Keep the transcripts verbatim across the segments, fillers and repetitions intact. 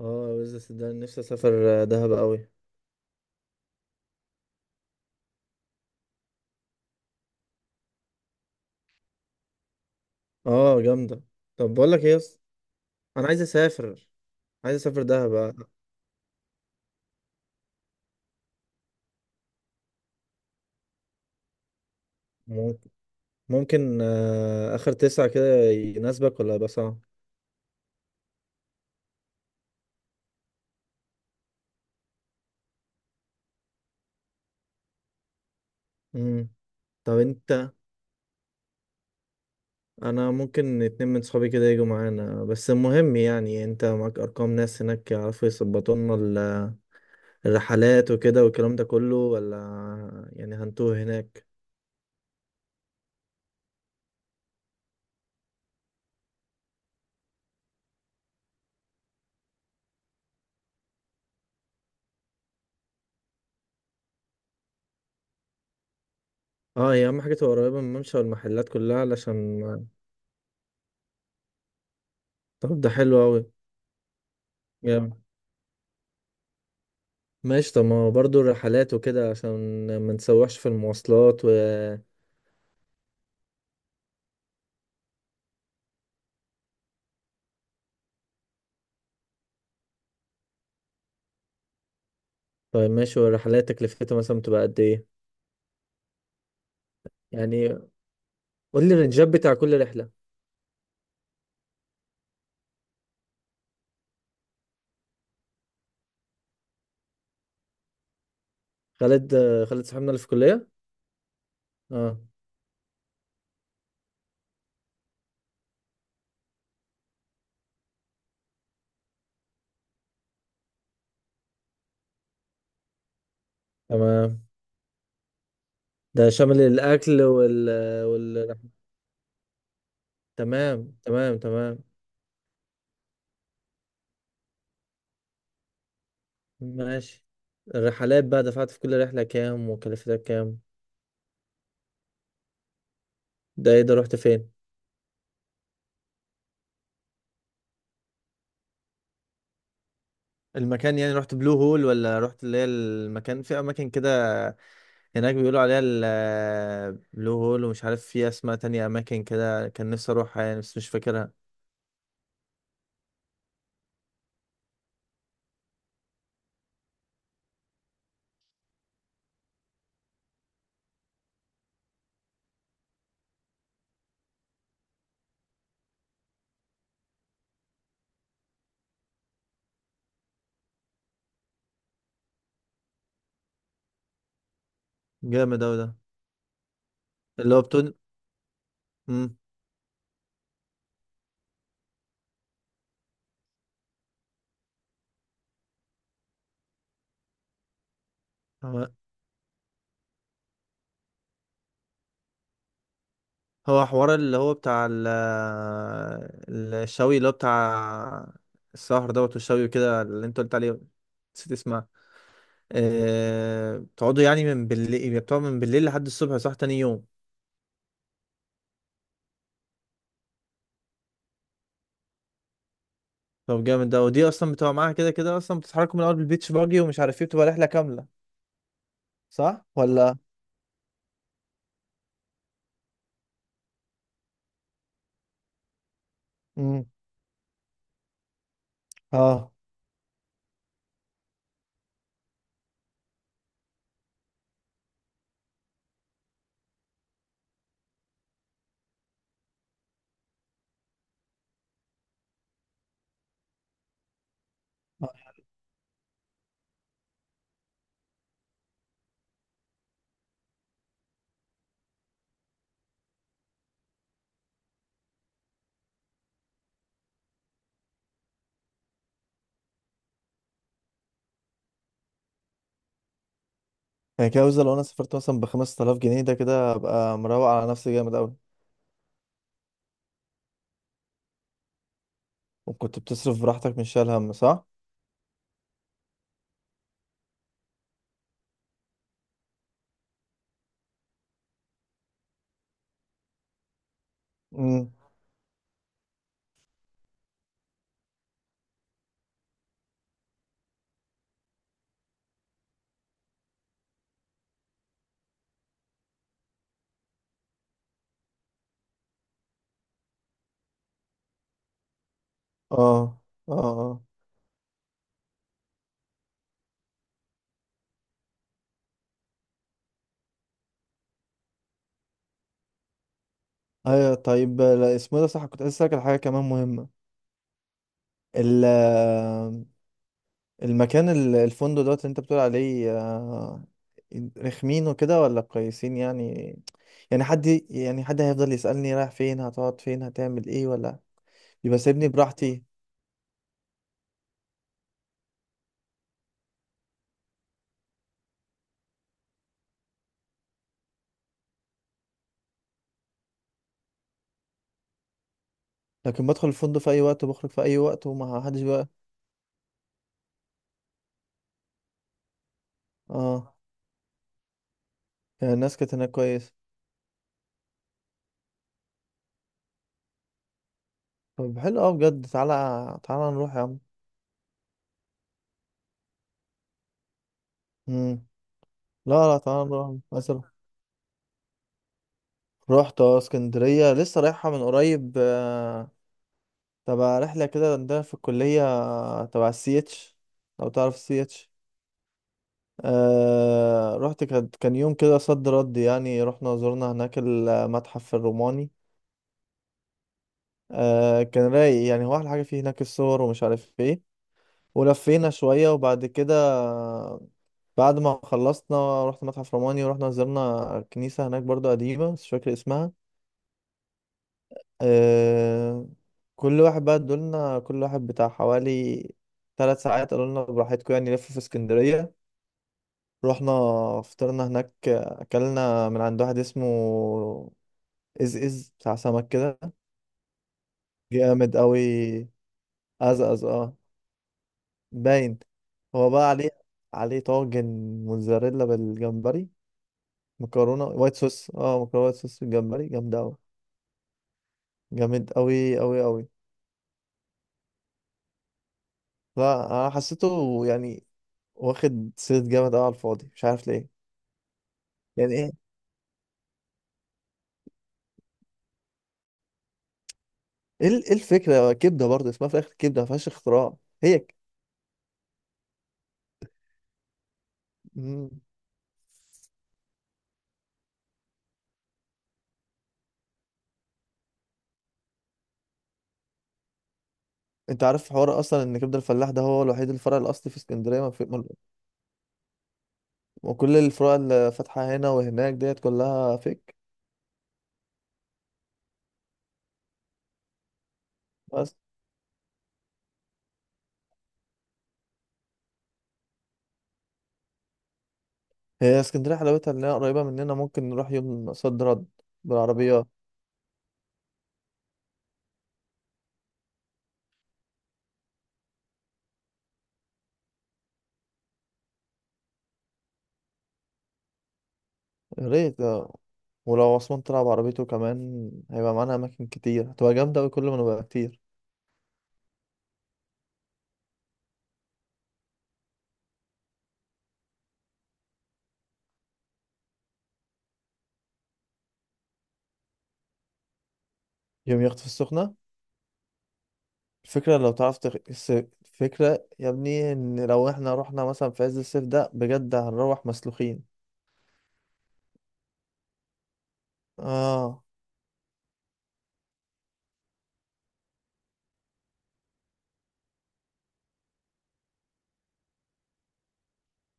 اه، بس صدقني نفسي اسافر آه، دهب قوي. اه، جامده. طب، بقول لك ايه يا اسطى؟ انا عايز اسافر. عايز اسافر دهب آه، ممكن ممكن آه، اخر تسعة كده، يناسبك ولا يبقى صعب؟ امم. طب انت. انا ممكن اتنين من صحابي كده يجوا معانا، بس المهم يعني انت معاك ارقام ناس هناك يعرفوا يظبطوا لنا ال- الرحلات وكده والكلام ده كله، ولا يعني هنتوه هناك؟ اه، هي اهم حاجه تبقى قريبه من الممشى والمحلات كلها علشان... طب، ده حلو قوي. ماشي. طب، ما هو برضه الرحلات وكده عشان ما نتسوحش في المواصلات و... طيب، ماشي. والرحلات تكلفتها مثلا بتبقى قد ايه؟ يعني، قول لي الرنجات بتاع كل رحلة. خالد خالد صاحبنا اللي في الكلية؟ اه. تمام. ده شامل الأكل وال وال تمام، تمام، تمام. ماشي. الرحلات بقى دفعت في كل رحلة كام وكلفتها كام؟ ده ايه ده؟ رحت فين؟ المكان، يعني رحت بلو هول ولا رحت اللي هي المكان في أماكن كده هناك بيقولوا عليها البلو هول؟ ومش عارف في اسماء تانية اماكن كده، كان نفسي اروحها يعني بس مش فاكرها. جامد اوي ده. اللي هو بتون. مم. هو هو حوار اللي هو بتاع ال- الشوي اللي هو بتاع السهر دوت والشوي وكده اللي انت قلت عليه. نسيت اسمها. أه... بتقعدوا يعني من بالليل، يعني بتقعدوا من بالليل لحد الصبح، صح؟ تاني يوم. طب، جامد ده. ودي اصلا بتبقى معاها كده كده، اصلا بتتحركوا من الاول بالبيتش باجي ومش عارف ايه، بتبقى رحلة كاملة. صح ولا؟ امم. اه. يعني كده مثلا لو انا سافرت مثلا ب خمس آلاف جنيه، ده كده ابقى مروق على نفسي جامد قوي. وكنت بتصرف براحتك مش شايل هم، صح؟ امم. اه، اه، اه. ايوه. طيب، لا، اسمه إيه ده؟ صح، كنت عايز اسالك على حاجه كمان مهمه. ال المكان ال- الفندق دوت اللي انت بتقول عليه آه، رخمين وكده ولا كويسين يعني؟ يعني حد، يعني حد هيفضل يسالني رايح فين، هتقعد فين، هتعمل ايه، ولا؟ يبقى سيبني براحتي. لكن بدخل الفندق في اي وقت وبخرج في اي وقت، وما حدش بقى. اه. يعني الناس كانت هناك كويسة؟ طب، حلو أوي بجد. تعالى تعالى نروح يا عم. مم. لا، لا، تعالى نروح مثلا. رحت اه اسكندرية لسه رايحة من قريب، آه، تبع رحلة كده عندنا في الكلية آه، تبع السي اتش. لو تعرف السي اتش. أه، رحت. كان كان يوم كده صد رد، يعني رحنا زرنا هناك المتحف الروماني. أه، كان رايق، يعني هو أحلى حاجة فيه هناك الصور، ومش عارف ايه. ولفينا شوية، وبعد كده بعد ما خلصنا رحت متحف روماني، ورحنا زرنا كنيسة هناك برضو قديمة بس مش فاكر اسمها. أه. كل واحد بقى ادولنا كل واحد بتاع حوالي ثلاث ساعات، قالوا لنا براحتكم يعني لف في اسكندرية. رحنا، فطرنا هناك، أكلنا من عند واحد اسمه إز إز بتاع سمك كده. جامد قوي. أزأز، اه. باين. هو بقى عليه عليه طاجن موتزاريلا بالجمبري، مكرونة وايت صوص اه مكرونة وايت صوص بالجمبري جامدة أوي. جامد أوي أوي أوي. لا، أنا حسيته يعني واخد سيرة جامد أوي على الفاضي، مش عارف ليه. يعني إيه؟ إيه ال- إيه الفكرة، كبدة برضه اسمها في الآخر كبدة، ما فيهاش اختراع. هي ك... مم. أنت عارف حوار أصلا إن كبدة الفلاح ده هو الوحيد الفرع الأصلي في اسكندرية، ما في... ما-. وكل الفروع اللي فاتحة هنا وهناك ديت كلها فيك. بس، هي اسكندرية حلاوتها إنها قريبة مننا، ممكن نروح يوم صد رد بالعربيات. يا ريت آه. ولو عثمان طلع بعربيته كمان هيبقى معانا أماكن كتير، هتبقى جامدة أوي كل ما نبقى كتير. يوم يخطف السخنة؟ الفكرة، لو تعرف تخ... الس-. الفكرة يا ابني إن لو إحنا رحنا مثلا في عز الصيف ده بجد، هنروح مسلوخين. آه.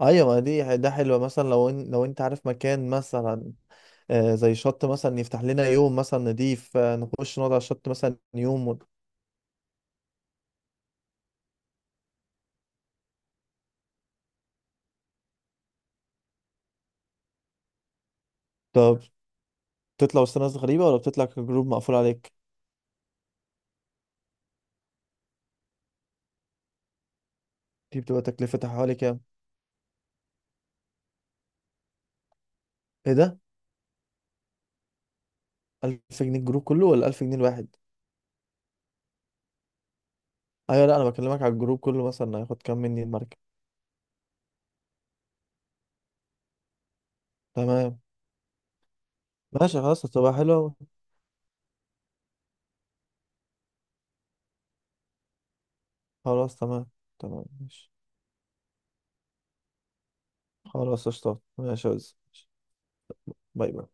أيوة، ما دي ده حلوة. مثلا لو إن... لو أنت عارف مكان مثلا آه زي شط مثلا يفتح لنا يوم، مثلا نضيف آه نخش نقعد على الشط مثلا يوم و... طب، بتطلع وسط ناس غريبة ولا بتطلع كجروب مقفول عليك؟ دي بتبقى تكلفتها حوالي كام؟ إيه ده؟ ألف جنيه الجروب كله ولا ألف جنيه الواحد؟ ايوه، لا، انا بكلمك على الجروب كله، مثلا هياخد كام مني المركب؟ تمام. ماشي، خلاص، هتبقى حلوة أوي. خلاص، تمام. تمام، ماشي. خلاص، اشطب، ماشي يا وزي. باي باي.